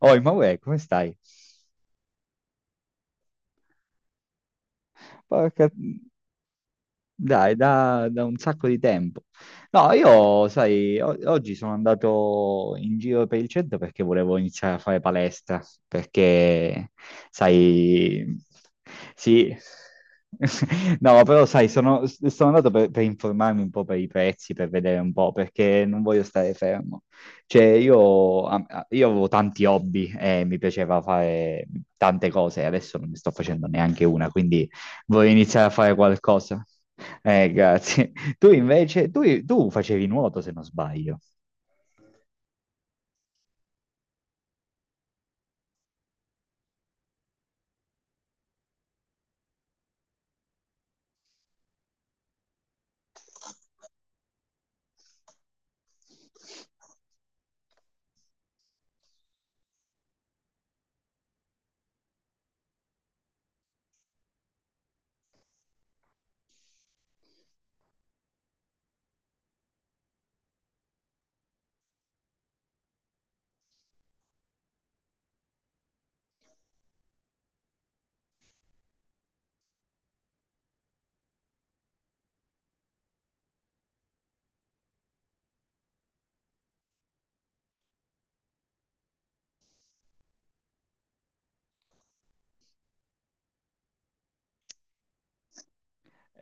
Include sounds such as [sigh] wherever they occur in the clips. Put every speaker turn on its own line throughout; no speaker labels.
Oh, Emanuele, come stai? Porca- Dai, da un sacco di tempo. No, io, sai, oggi sono andato in giro per il centro perché volevo iniziare a fare palestra, perché, sai, sì, [laughs] no, però, sai, sono andato per informarmi un po' per i prezzi, per vedere un po', perché non voglio stare fermo. Cioè, io avevo tanti hobby e mi piaceva fare tante cose, adesso non ne sto facendo neanche una, quindi... Vuoi iniziare a fare qualcosa? Grazie. [laughs] Tu invece, tu facevi nuoto se non sbaglio.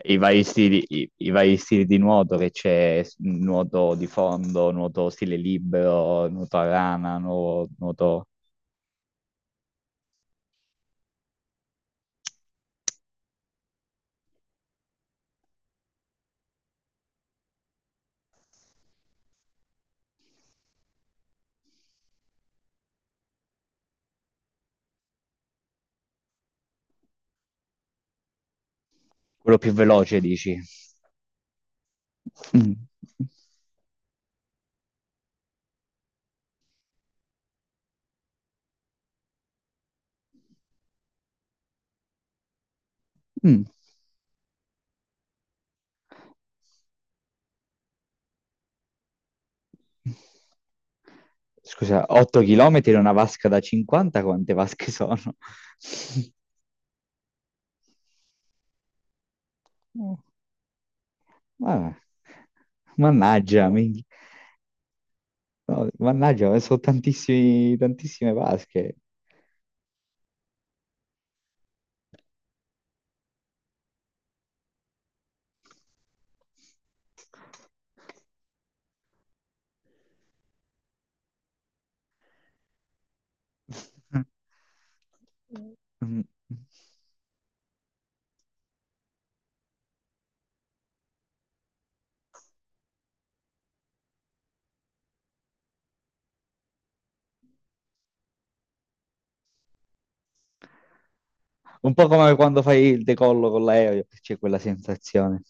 I vari stili di nuoto che c'è, nuoto di fondo, nuoto stile libero, nuoto a rana, nuoto. Quello più veloce, dici? Mm. Mm. Scusa, 8 km in una vasca da 50, quante vasche sono? [laughs] Oh, vabbè. Mannaggia, minchia. No, mannaggia, ho messo tantissimi, tantissime vasche. Mm. Un po' come quando fai il decollo con l'aereo, che c'è quella sensazione.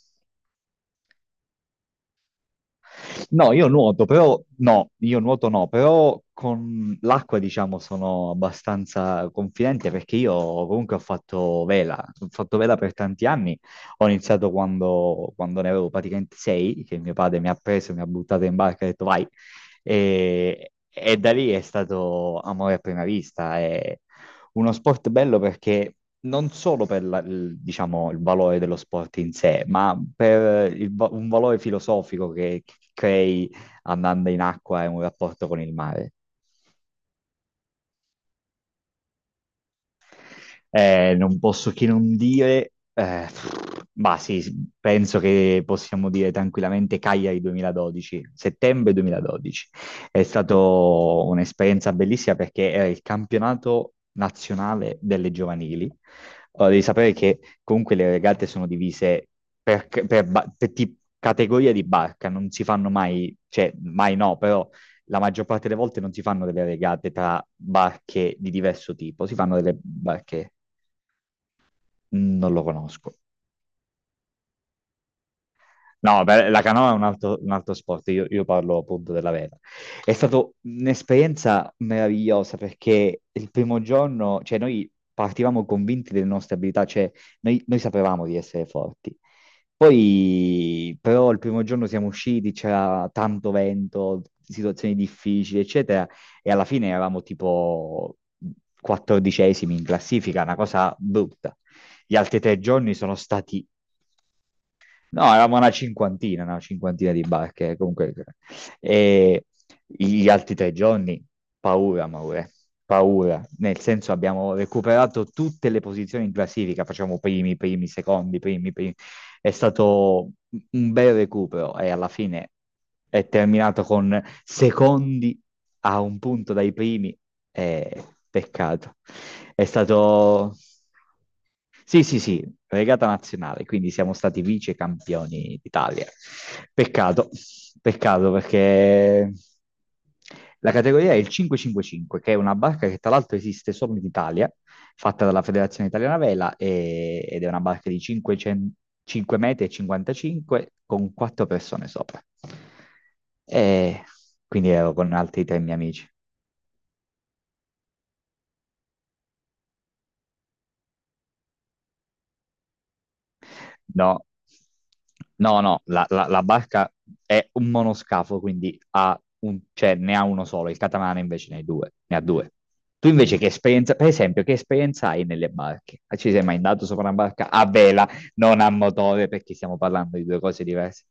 No, io nuoto, però no, io nuoto no, però con l'acqua diciamo sono abbastanza confidente perché io comunque ho fatto vela per tanti anni, ho iniziato quando ne avevo praticamente 6, che mio padre mi ha preso, mi ha buttato in barca e ha detto vai, e da lì è stato amore a prima vista, è uno sport bello perché non solo per il, diciamo, il valore dello sport in sé, ma per un valore filosofico che crei andando in acqua e un rapporto con il mare. Non posso che non dire, ma sì, penso che possiamo dire tranquillamente Cagliari 2012, settembre 2012. È stata un'esperienza bellissima perché era il campionato nazionale delle giovanili. Allora, devi sapere che comunque le regate sono divise per categoria di barca, non si fanno mai, cioè mai no, però la maggior parte delle volte non si fanno delle regate tra barche di diverso tipo, si fanno delle barche. Mm. Non lo conosco. No, beh, la canoa è un altro sport, io parlo appunto della vela. È stata un'esperienza meravigliosa perché il primo giorno, cioè noi partivamo convinti delle nostre abilità, cioè noi sapevamo di essere forti. Poi però il primo giorno siamo usciti, c'era tanto vento, situazioni difficili, eccetera, e alla fine eravamo tipo quattordicesimi in classifica, una cosa brutta. Gli altri 3 giorni sono stati... No, eravamo una cinquantina di barche, comunque. E gli altri 3 giorni, paura, Maure, paura. Nel senso abbiamo recuperato tutte le posizioni in classifica, facciamo primi, primi, secondi, primi, primi. È stato un bel recupero e alla fine è terminato con secondi a un punto dai primi. Eh, peccato. È stato... Sì, sì, sì, regata nazionale, quindi siamo stati vice campioni d'Italia. Peccato, peccato perché la categoria è il 555, che è una barca che tra l'altro esiste solo in Italia, fatta dalla Federazione Italiana Vela ed è una barca di 500 5 metri e 55 con quattro persone sopra. E quindi ero con altri tre miei amici. No, no, no, la barca è un monoscafo, quindi cioè, ne ha uno solo. Il catamarano invece ne ha due, ne ha due. Tu invece che esperienza, per esempio, che esperienza hai nelle barche? Ah, ci sei mai andato sopra una barca a vela, non a motore, perché stiamo parlando di due cose diverse?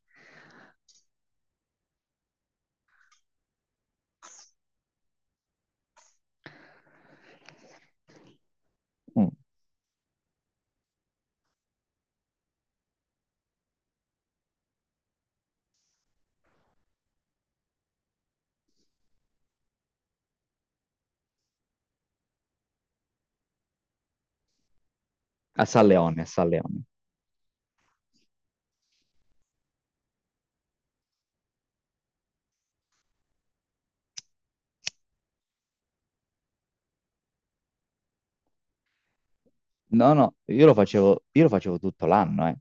Mm. A San Leone, a San Leone. No, no, io lo facevo tutto l'anno, eh.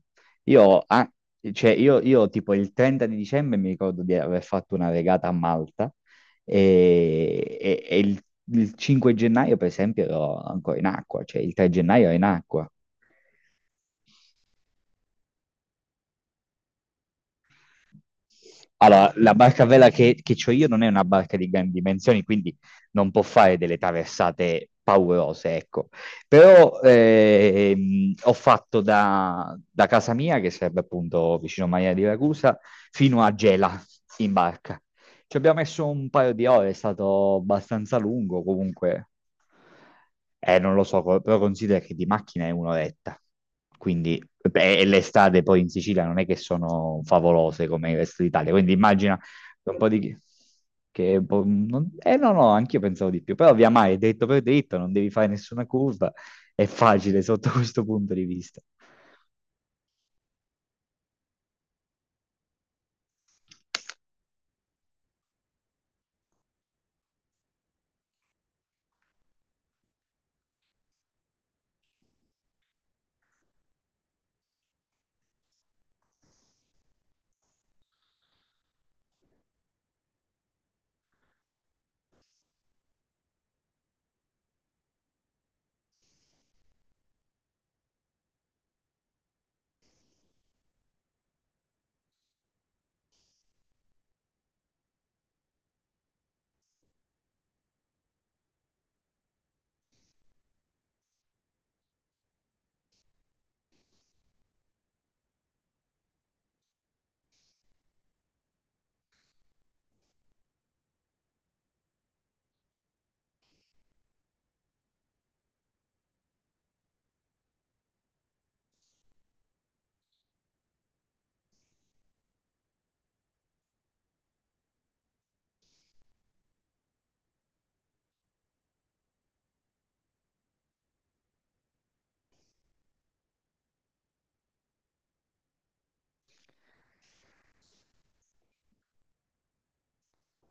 Io, ah, cioè, io tipo il 30 di dicembre mi ricordo di aver fatto una regata a Malta e il 5 gennaio, per esempio, ero ancora in acqua, cioè il 3 gennaio ero in acqua. Allora, la barca a vela che ho io non è una barca di grandi dimensioni, quindi non può fare delle traversate paurose, ecco. Però ho fatto da casa mia, che sarebbe appunto vicino a Maria di Ragusa, fino a Gela in barca. Ci abbiamo messo un paio di ore, è stato abbastanza lungo comunque. Non lo so, però considera che di macchina è un'oretta. Quindi, beh, e le strade poi in Sicilia non è che sono favolose come il resto d'Italia. Quindi immagina un po' di... Che è po- non- eh no, no, anch'io pensavo di più. Però via mare, dritto per dritto, non devi fare nessuna curva. È facile sotto [laughs] questo punto di vista.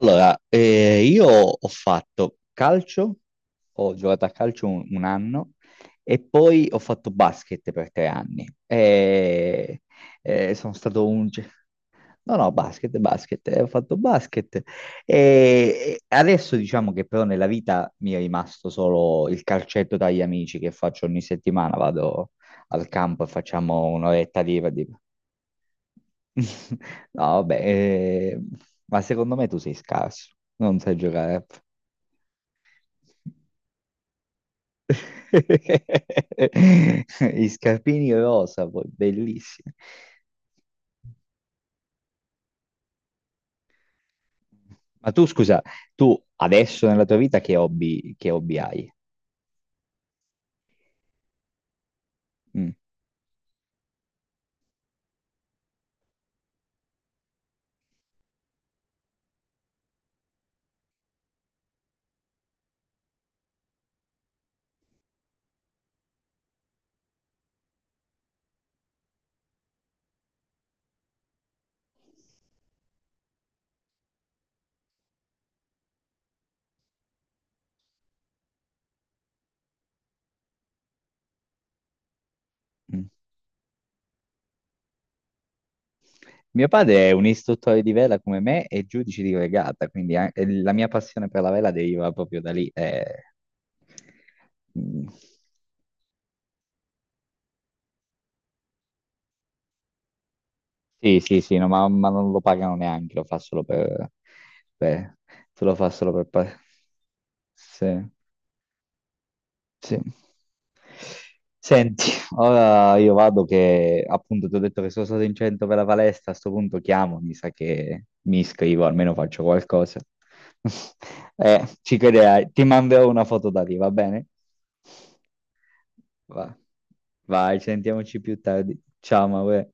Allora, io ho fatto calcio, ho giocato a calcio un anno e poi ho fatto basket per 3 anni. Sono stato un... No, no, basket, basket, ho fatto basket. E adesso diciamo che però nella vita mi è rimasto solo il calcetto dagli amici che faccio ogni settimana, vado al campo e facciamo un'oretta di... [laughs] No, vabbè, ma secondo me tu sei scarso, non sai giocare. A [laughs] I scarpini rosa, poi bellissimi. Ma tu, scusa, tu adesso nella tua vita che hobby hai? Mm, mm. Mio padre è un istruttore di vela come me e giudice di regata, quindi la mia passione per la vela deriva proprio da lì. Mm. Sì, sì, sì, no, ma non lo pagano neanche, lo fa solo per... Beh, te lo fa solo per... Sì, sì. Senti, ora io vado che appunto ti ho detto che sono stato in centro per la palestra, a sto punto chiamo, mi sa che mi iscrivo, almeno faccio qualcosa. [laughs] Ci crederai, ti manderò una foto da lì, va bene? Va. Vai, sentiamoci più tardi. Ciao, Maure.